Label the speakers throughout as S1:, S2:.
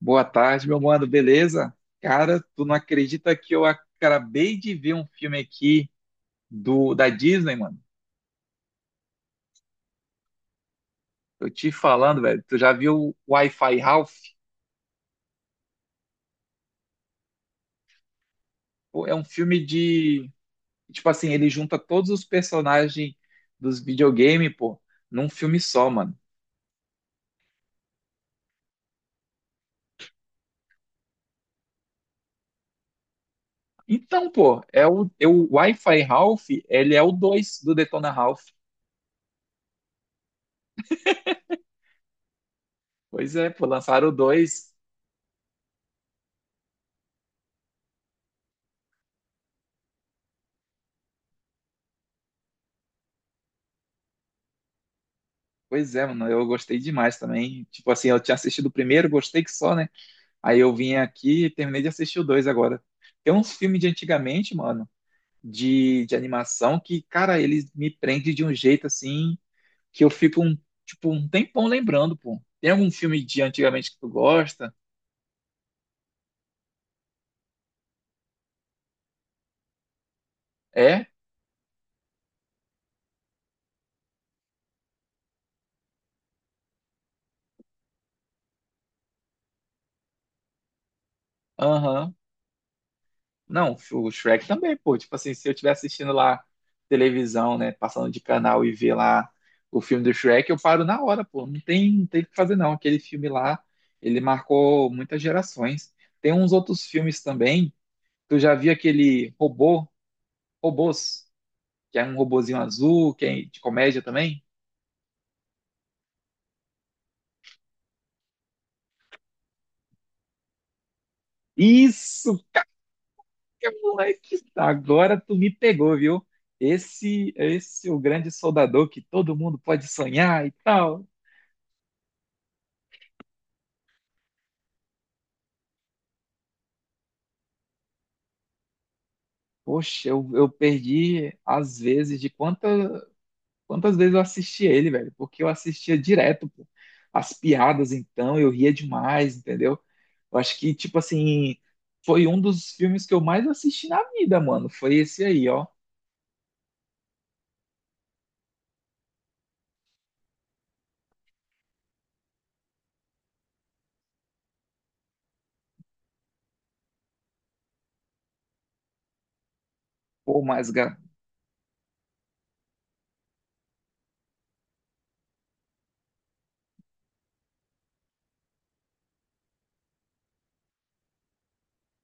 S1: Boa tarde, meu mano, beleza? Cara, tu não acredita que eu acabei de ver um filme aqui do da Disney, mano? Eu te falando, velho. Tu já viu o Wi-Fi Ralph? Pô, é um filme de, tipo assim, ele junta todos os personagens dos videogames, pô, num filme só, mano. Então, pô, é o Wi-Fi Ralph, ele é o 2 do Detona Ralph. Pois é, pô, lançaram o 2. Pois é, mano, eu gostei demais também. Tipo assim, eu tinha assistido o primeiro, gostei que só, né? Aí eu vim aqui e terminei de assistir o dois agora. Tem uns filmes de antigamente, mano, de animação que, cara, eles me prendem de um jeito assim que eu fico um, tipo, um tempão lembrando, pô. Tem algum filme de antigamente que tu gosta? É? Aham. Não, o Shrek também, pô. Tipo assim, se eu estiver assistindo lá televisão, né, passando de canal e ver lá o filme do Shrek, eu paro na hora, pô. Não tem, o que fazer, não. Aquele filme lá, ele marcou muitas gerações. Tem uns outros filmes também. Tu já viu aquele robô, robôs, que é um robozinho azul, que é de comédia também? Isso, que moleque, agora tu me pegou, viu? Esse é o grande soldador que todo mundo pode sonhar e tal. Poxa, eu perdi às vezes de quanta quantas vezes eu assisti ele, velho? Porque eu assistia direto, pô. As piadas, então, eu ria demais, entendeu? Eu acho que, tipo assim, foi um dos filmes que eu mais assisti na vida, mano. Foi esse aí, ó. Pô,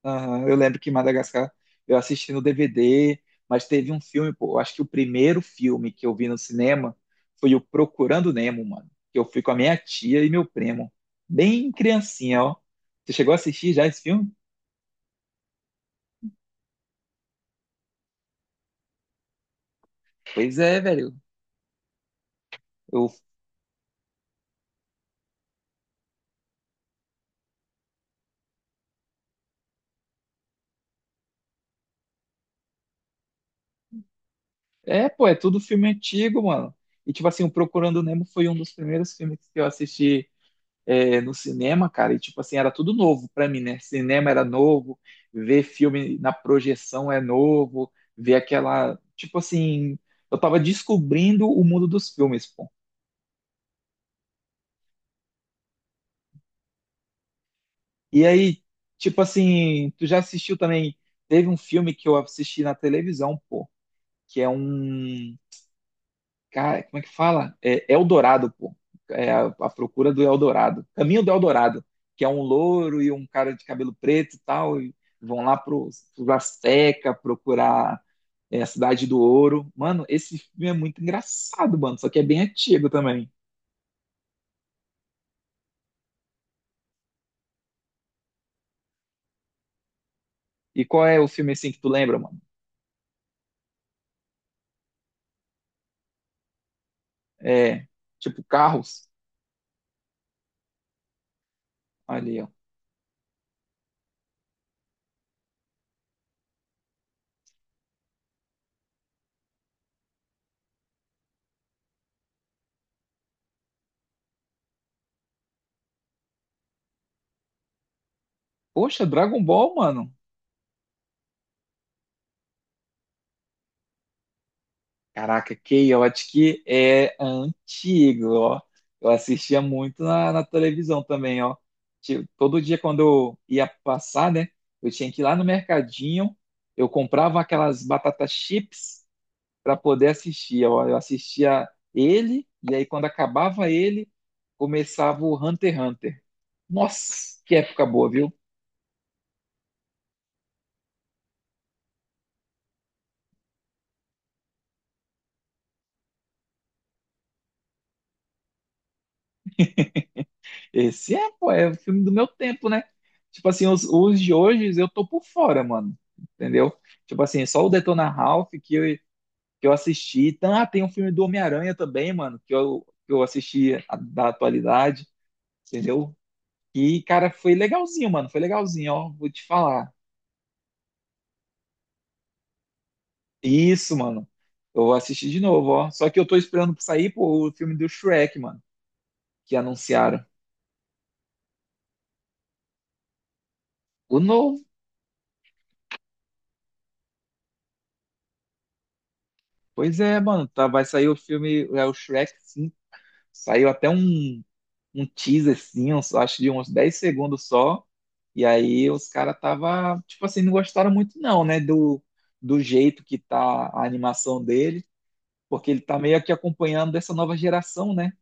S1: aham, eu lembro que Madagascar eu assisti no DVD, mas teve um filme, pô. Eu acho que o primeiro filme que eu vi no cinema foi o Procurando Nemo, mano. Que eu fui com a minha tia e meu primo. Bem criancinha, ó. Você chegou a assistir já esse filme? Pois é, velho. Eu... É, pô, é tudo filme antigo, mano. E, tipo assim, o Procurando Nemo foi um dos primeiros filmes que eu assisti, no cinema, cara. E, tipo assim, era tudo novo pra mim, né? Cinema era novo, ver filme na projeção é novo, ver aquela. Tipo assim, eu tava descobrindo o mundo dos filmes, pô. E aí, tipo assim, tu já assistiu também? Teve um filme que eu assisti na televisão, pô, que é um. Cara, como é que fala? É Eldorado, pô. É a procura do Eldorado. Caminho do Eldorado, que é um louro e um cara de cabelo preto e tal, e vão lá pro, pro Azteca procurar, a Cidade do Ouro. Mano, esse filme é muito engraçado, mano, só que é bem antigo também. E qual é o filme assim que tu lembra, mano? É, tipo, Carros. Ali, ó. Poxa, Dragon Ball, mano. Caraca, Chaotic é antigo, ó. Eu assistia muito na televisão também, ó. Tipo, todo dia quando eu ia passar, né? Eu tinha que ir lá no mercadinho, eu comprava aquelas batatas chips para poder assistir, ó. Eu assistia ele, e aí quando acabava ele, começava o Hunter x Hunter. Nossa, que época boa, viu? Esse é, pô, é o filme do meu tempo, né? Tipo assim, os de hoje eu tô por fora, mano. Entendeu? Tipo assim, só o Detona Ralph que eu assisti. Então, ah, tem um filme do Homem-Aranha também, mano, que eu assisti da atualidade, entendeu? E, cara, foi legalzinho, mano. Foi legalzinho, ó. Vou te falar. Isso, mano. Eu vou assistir de novo, ó. Só que eu tô esperando pra sair, pô, o filme do Shrek, mano, que anunciaram. O novo. Pois é, mano. Tá, vai sair o filme, é o Shrek 5. Saiu até um teaser, assim, acho de uns 10 segundos só. E aí os caras tava, tipo assim, não gostaram muito não, né, do, do jeito que tá a animação dele, porque ele tá meio que acompanhando dessa nova geração, né?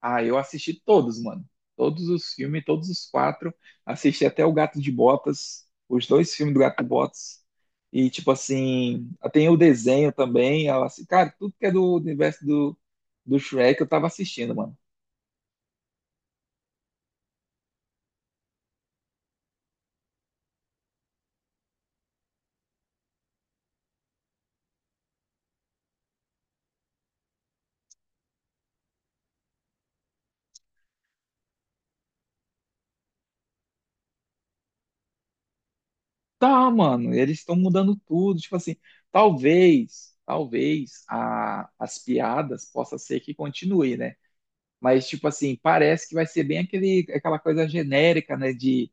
S1: Ah, eu assisti todos, mano. Todos os filmes, todos os quatro. Assisti até o Gato de Botas, os dois filmes do Gato de Botas. E, tipo assim, tem o desenho também. Ela, assim, cara, tudo que é do universo do Shrek eu tava assistindo, mano. Tá, mano, eles estão mudando tudo. Tipo assim, talvez as piadas possa ser que continue, né? Mas, tipo assim, parece que vai ser bem aquele, aquela coisa genérica, né? De,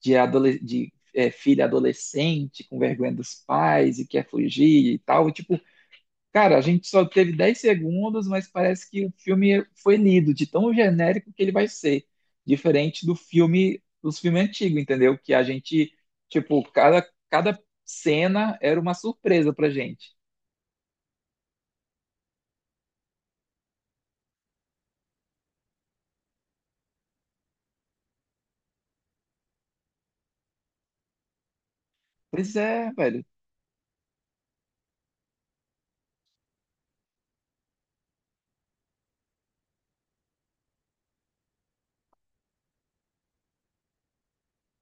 S1: de, adole de é, filha adolescente com vergonha dos pais e quer fugir e tal. E, tipo, cara, a gente só teve 10 segundos, mas parece que o filme foi lido de tão genérico que ele vai ser, diferente do filme, dos filmes antigos, entendeu? Que a gente, tipo, cada cena era uma surpresa pra gente. Pois é, velho.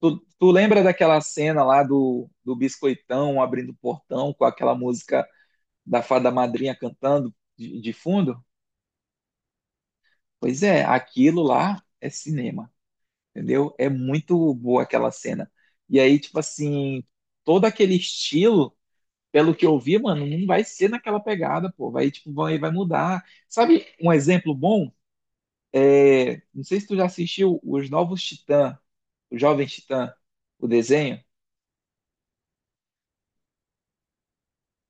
S1: Tu, tu lembra daquela cena lá do Biscoitão abrindo o portão com aquela música da Fada Madrinha cantando de fundo? Pois é, aquilo lá é cinema. Entendeu? É muito boa aquela cena. E aí, tipo assim, todo aquele estilo, pelo que eu vi, mano, não vai ser naquela pegada, pô. Vai, tipo, vai mudar. Sabe um exemplo bom? É, não sei se tu já assistiu Os Novos Titã, o Jovem Titã, o desenho.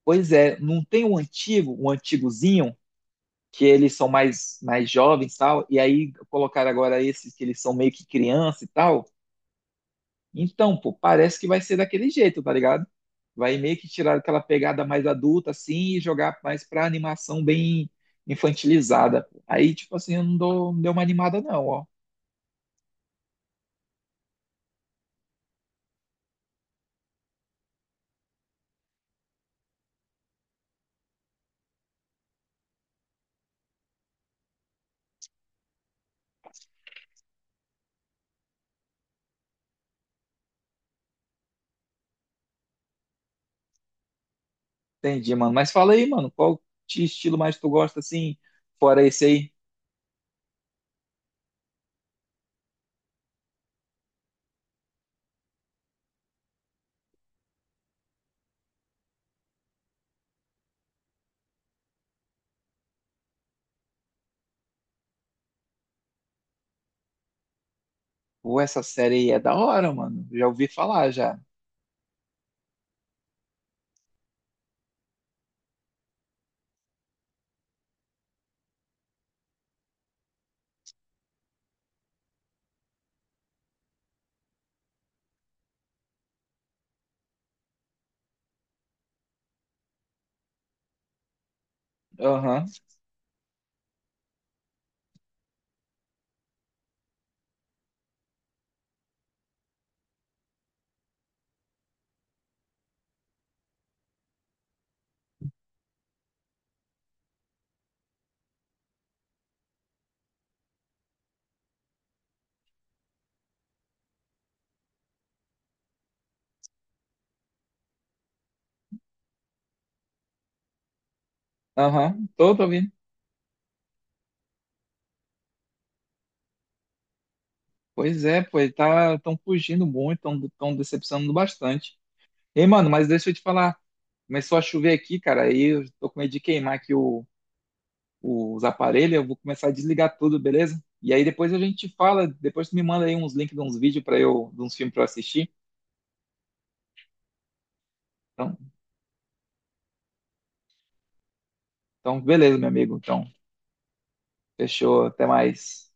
S1: Pois é, não tem o antigo, o antigozinho, que eles são mais, mais jovens e tal, e aí colocaram agora esses que eles são meio que criança e tal. Então, pô, parece que vai ser daquele jeito, tá ligado? Vai meio que tirar aquela pegada mais adulta, assim, e jogar mais pra animação bem infantilizada. Aí, tipo assim, eu não dou, não deu uma animada, não, ó. Entendi, mano. Mas fala aí, mano, qual estilo mais tu gosta, assim, fora esse aí? Pô, essa série aí é da hora, mano. Já ouvi falar, já. Aham, aham, tô, tô ouvindo. Pois é, pô, ele tá, tão fugindo muito, tão, tão decepcionando bastante. Ei, mano, mas deixa eu te falar. Começou a chover aqui, cara, aí eu tô com medo de queimar aqui os aparelhos, eu vou começar a desligar tudo, beleza? E aí depois a gente fala, depois tu me manda aí uns links de uns vídeos para eu, de uns filmes para eu assistir. Então, então, beleza, meu amigo. Então, fechou, até mais.